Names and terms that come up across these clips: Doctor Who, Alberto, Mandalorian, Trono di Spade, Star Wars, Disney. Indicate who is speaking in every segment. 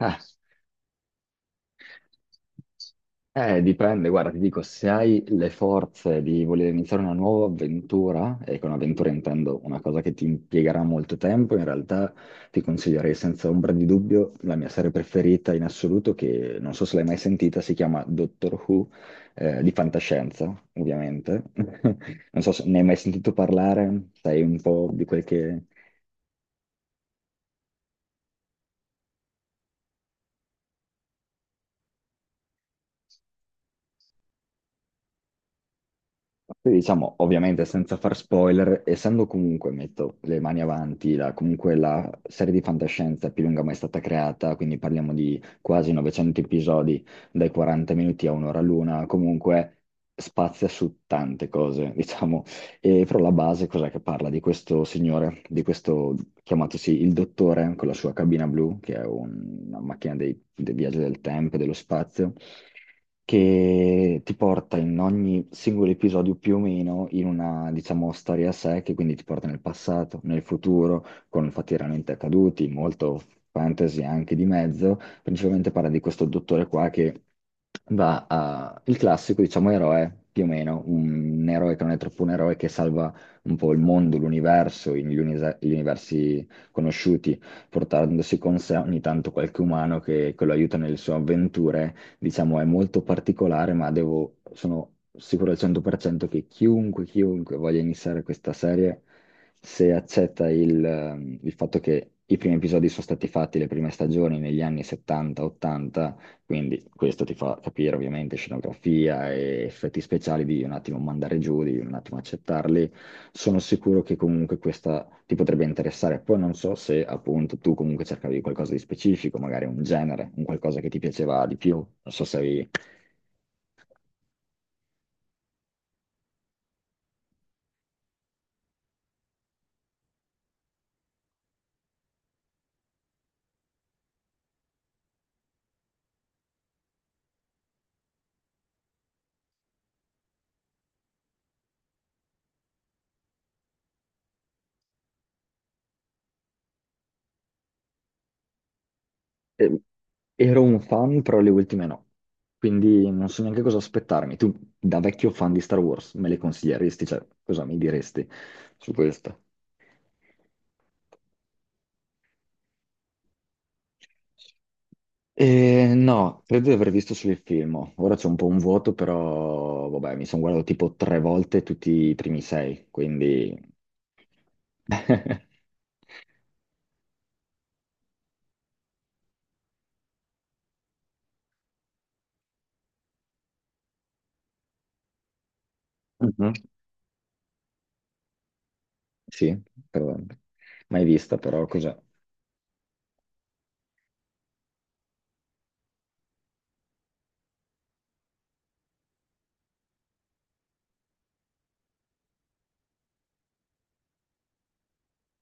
Speaker 1: Eh, Dipende, guarda, ti dico, se hai le forze di voler iniziare una nuova avventura, e con avventura intendo una cosa che ti impiegherà molto tempo, in realtà ti consiglierei senza ombra di dubbio la mia serie preferita in assoluto, che non so se l'hai mai sentita, si chiama Doctor Who, di fantascienza, ovviamente. Non so se ne hai mai sentito parlare, sai un po' di quel che... Poi diciamo, ovviamente senza far spoiler, essendo comunque, metto le mani avanti, comunque la serie di fantascienza più lunga mai stata creata, quindi parliamo di quasi 900 episodi, dai 40 minuti a un'ora l'una, comunque spazia su tante cose, diciamo, e però la base cos'è che parla? Di questo signore, di questo chiamatosi il dottore con la sua cabina blu, che è una macchina dei viaggi del tempo e dello spazio, che ti porta in ogni singolo episodio più o meno in una, diciamo, storia a sé, che quindi ti porta nel passato, nel futuro, con fatti realmente accaduti, molto fantasy anche di mezzo. Principalmente parla di questo dottore qua che il classico, diciamo, eroe, più o meno, un eroe che non è troppo un eroe, che salva un po' il mondo, l'universo, gli universi conosciuti, portandosi con sé ogni tanto qualche umano che lo aiuta nelle sue avventure. Diciamo, è molto particolare, ma devo... Sono sicuro al 100% che chiunque, chiunque voglia iniziare questa serie, se accetta il fatto che i primi episodi sono stati fatti, le prime stagioni negli anni 70-80, quindi questo ti fa capire ovviamente scenografia e effetti speciali, di un attimo mandare giù, di un attimo accettarli. Sono sicuro che comunque questa ti potrebbe interessare. Poi non so se appunto tu comunque cercavi qualcosa di specifico, magari un genere, un qualcosa che ti piaceva di più, non so se avevi... Eh, ero un fan, però le ultime no. Quindi non so neanche cosa aspettarmi. Tu, da vecchio fan di Star Wars, me le consiglieresti? Cioè, cosa mi diresti su questo? No, credo di aver visto solo il film. Ora c'è un po' un vuoto, però vabbè, mi sono guardato tipo tre volte tutti i primi sei, quindi... Mhm. Sì, però... mai vista, però cos'è?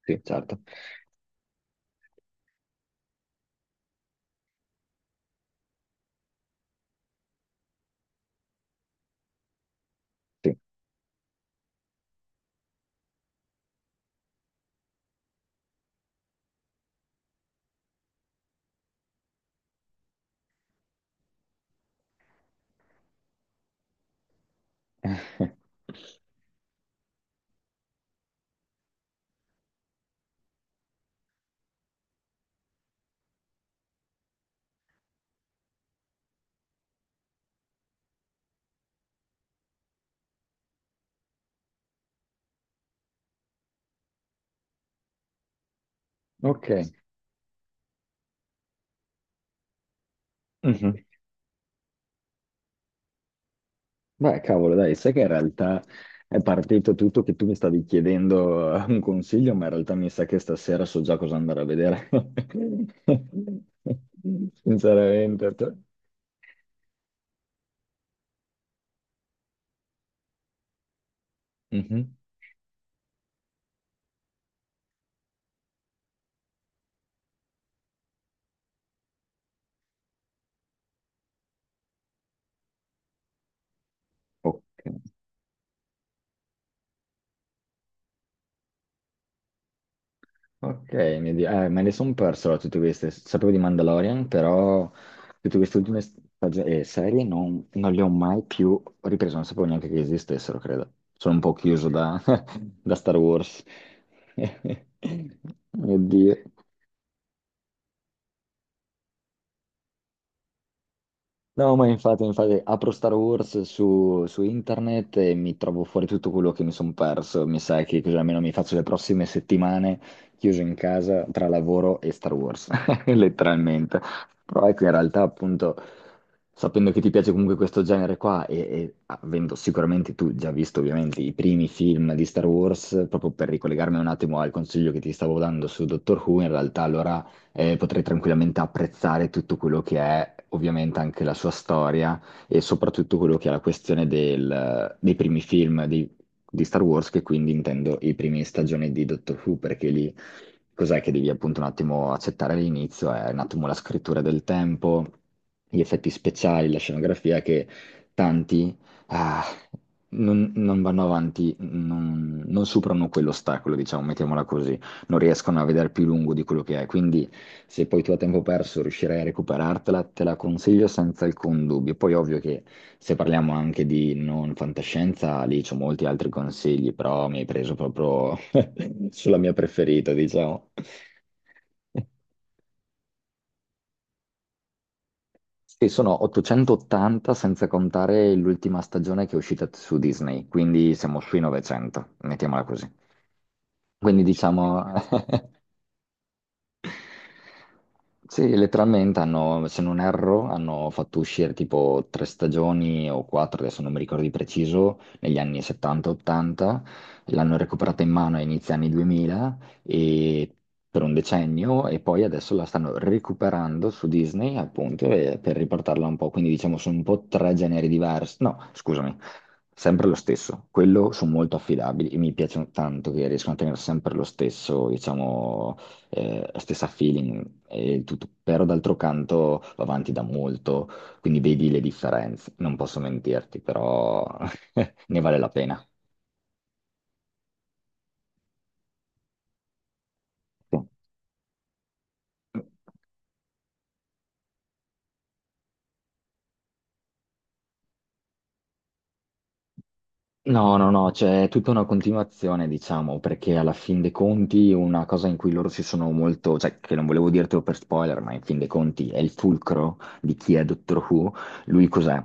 Speaker 1: Sì, certo. Sì. Ok. Mhm. Beh, cavolo, dai, sai che in realtà è partito tutto che tu mi stavi chiedendo un consiglio, ma in realtà mi sa che stasera so già cosa andare a vedere. Sinceramente. Mhm. Ok. Ok, me le sono perso allora, tutte queste. Sapevo di Mandalorian, però tutte queste ultime serie non le ho mai più riprese, non sapevo neanche che esistessero, credo. Sono un po' chiuso da, da Star Wars. Mio Dio. No, ma infatti, infatti apro Star Wars su internet e mi trovo fuori tutto quello che mi sono perso. Mi sa che così almeno mi faccio le prossime settimane chiuso in casa tra lavoro e Star Wars, letteralmente. Però ecco, in realtà, appunto, sapendo che ti piace comunque questo genere qua e avendo sicuramente tu già visto ovviamente i primi film di Star Wars, proprio per ricollegarmi un attimo al consiglio che ti stavo dando su Doctor Who, in realtà allora potrei tranquillamente apprezzare tutto quello che è ovviamente anche la sua storia e soprattutto quello che è la questione dei primi film di Star Wars, che quindi intendo i primi stagioni di Doctor Who, perché lì cos'è che devi appunto un attimo accettare all'inizio? È un attimo la scrittura del tempo, gli effetti speciali, la scenografia che tanti... ah, non vanno avanti, non superano quell'ostacolo, diciamo, mettiamola così, non riescono a vedere più lungo di quello che è. Quindi, se poi tu a tempo perso riuscirai a recuperartela, te la consiglio senza alcun dubbio. Poi, ovvio che se parliamo anche di non fantascienza, lì c'ho molti altri consigli, però mi hai preso proprio sulla mia preferita, diciamo. Sì, sono 880 senza contare l'ultima stagione che è uscita su Disney, quindi siamo sui 900, mettiamola così. Quindi diciamo, sì, letteralmente hanno, se non erro, hanno fatto uscire tipo tre stagioni o quattro, adesso non mi ricordo di preciso, negli anni 70-80, l'hanno recuperata in mano a inizio anni 2000 e per un decennio e poi adesso la stanno recuperando su Disney appunto per riportarla un po', quindi diciamo sono un po' tre generi diversi, no, scusami, sempre lo stesso, quello sono molto affidabili e mi piacciono tanto che riescono a tenere sempre lo stesso, diciamo stessa feeling e il tutto, però d'altro canto va avanti da molto, quindi vedi le differenze, non posso mentirti, però ne vale la pena. No, no, no, c'è tutta una continuazione, diciamo, perché alla fin dei conti una cosa in cui loro si sono molto, cioè che non volevo dirtelo per spoiler, ma in fin dei conti è il fulcro di chi è Doctor Who. Lui cos'è?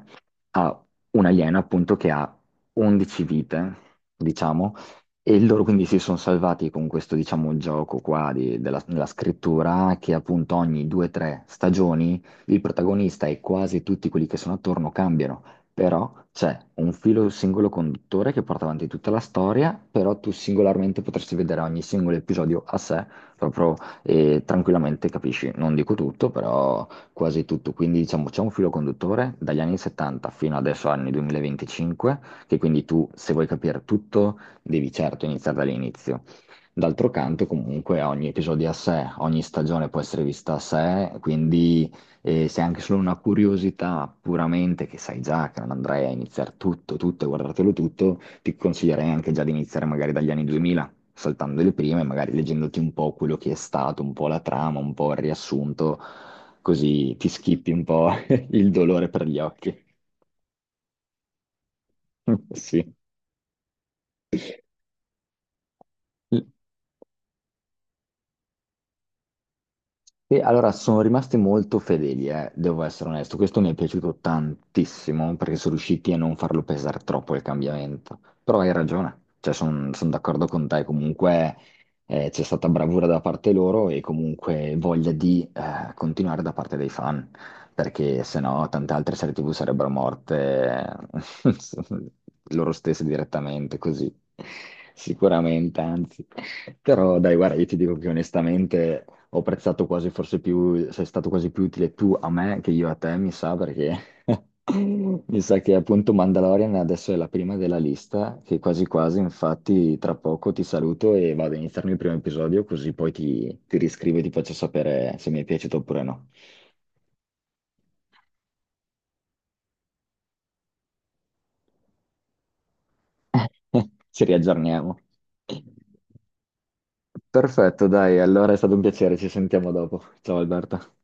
Speaker 1: Ha un alieno appunto che ha 11 vite, diciamo, e loro quindi si sono salvati con questo, diciamo, gioco qua della scrittura, che appunto ogni 2-3 stagioni il protagonista e quasi tutti quelli che sono attorno cambiano, però c'è un filo singolo conduttore che porta avanti tutta la storia, però tu singolarmente potresti vedere ogni singolo episodio a sé, proprio, e tranquillamente capisci, non dico tutto, però quasi tutto. Quindi diciamo c'è un filo conduttore dagli anni 70 fino adesso anni 2025, che quindi tu se vuoi capire tutto devi certo iniziare dall'inizio. D'altro canto, comunque, ogni episodio è a sé, ogni stagione può essere vista a sé, quindi se è anche solo una curiosità puramente che sai già che non andrai a iniziare tutto, tutto e guardartelo tutto, ti consiglierei anche già di iniziare magari dagli anni 2000, saltando le prime, magari leggendoti un po' quello che è stato, un po' la trama, un po' il riassunto, così ti schippi un po' il dolore per gli occhi. Sì. E allora sono rimasti molto fedeli, devo essere onesto. Questo mi è piaciuto tantissimo perché sono riusciti a non farlo pesare troppo il cambiamento. Però hai ragione, cioè, sono d'accordo con te. Comunque c'è stata bravura da parte loro e comunque voglia di continuare da parte dei fan, perché se no tante altre serie TV sarebbero morte eh, loro stesse direttamente, così. Sicuramente, anzi. Però dai, guarda, io ti dico che onestamente ho apprezzato quasi, forse più, sei stato quasi più utile tu a me che io a te, mi sa, perché mi sa che appunto Mandalorian adesso è la prima della lista, che quasi quasi, infatti, tra poco ti saluto e vado a iniziarmi il primo episodio, così poi ti riscrivo e ti faccio sapere se mi è piaciuto oppure no. Ci riaggiorniamo. Perfetto, dai, allora è stato un piacere, ci sentiamo dopo. Ciao Alberto.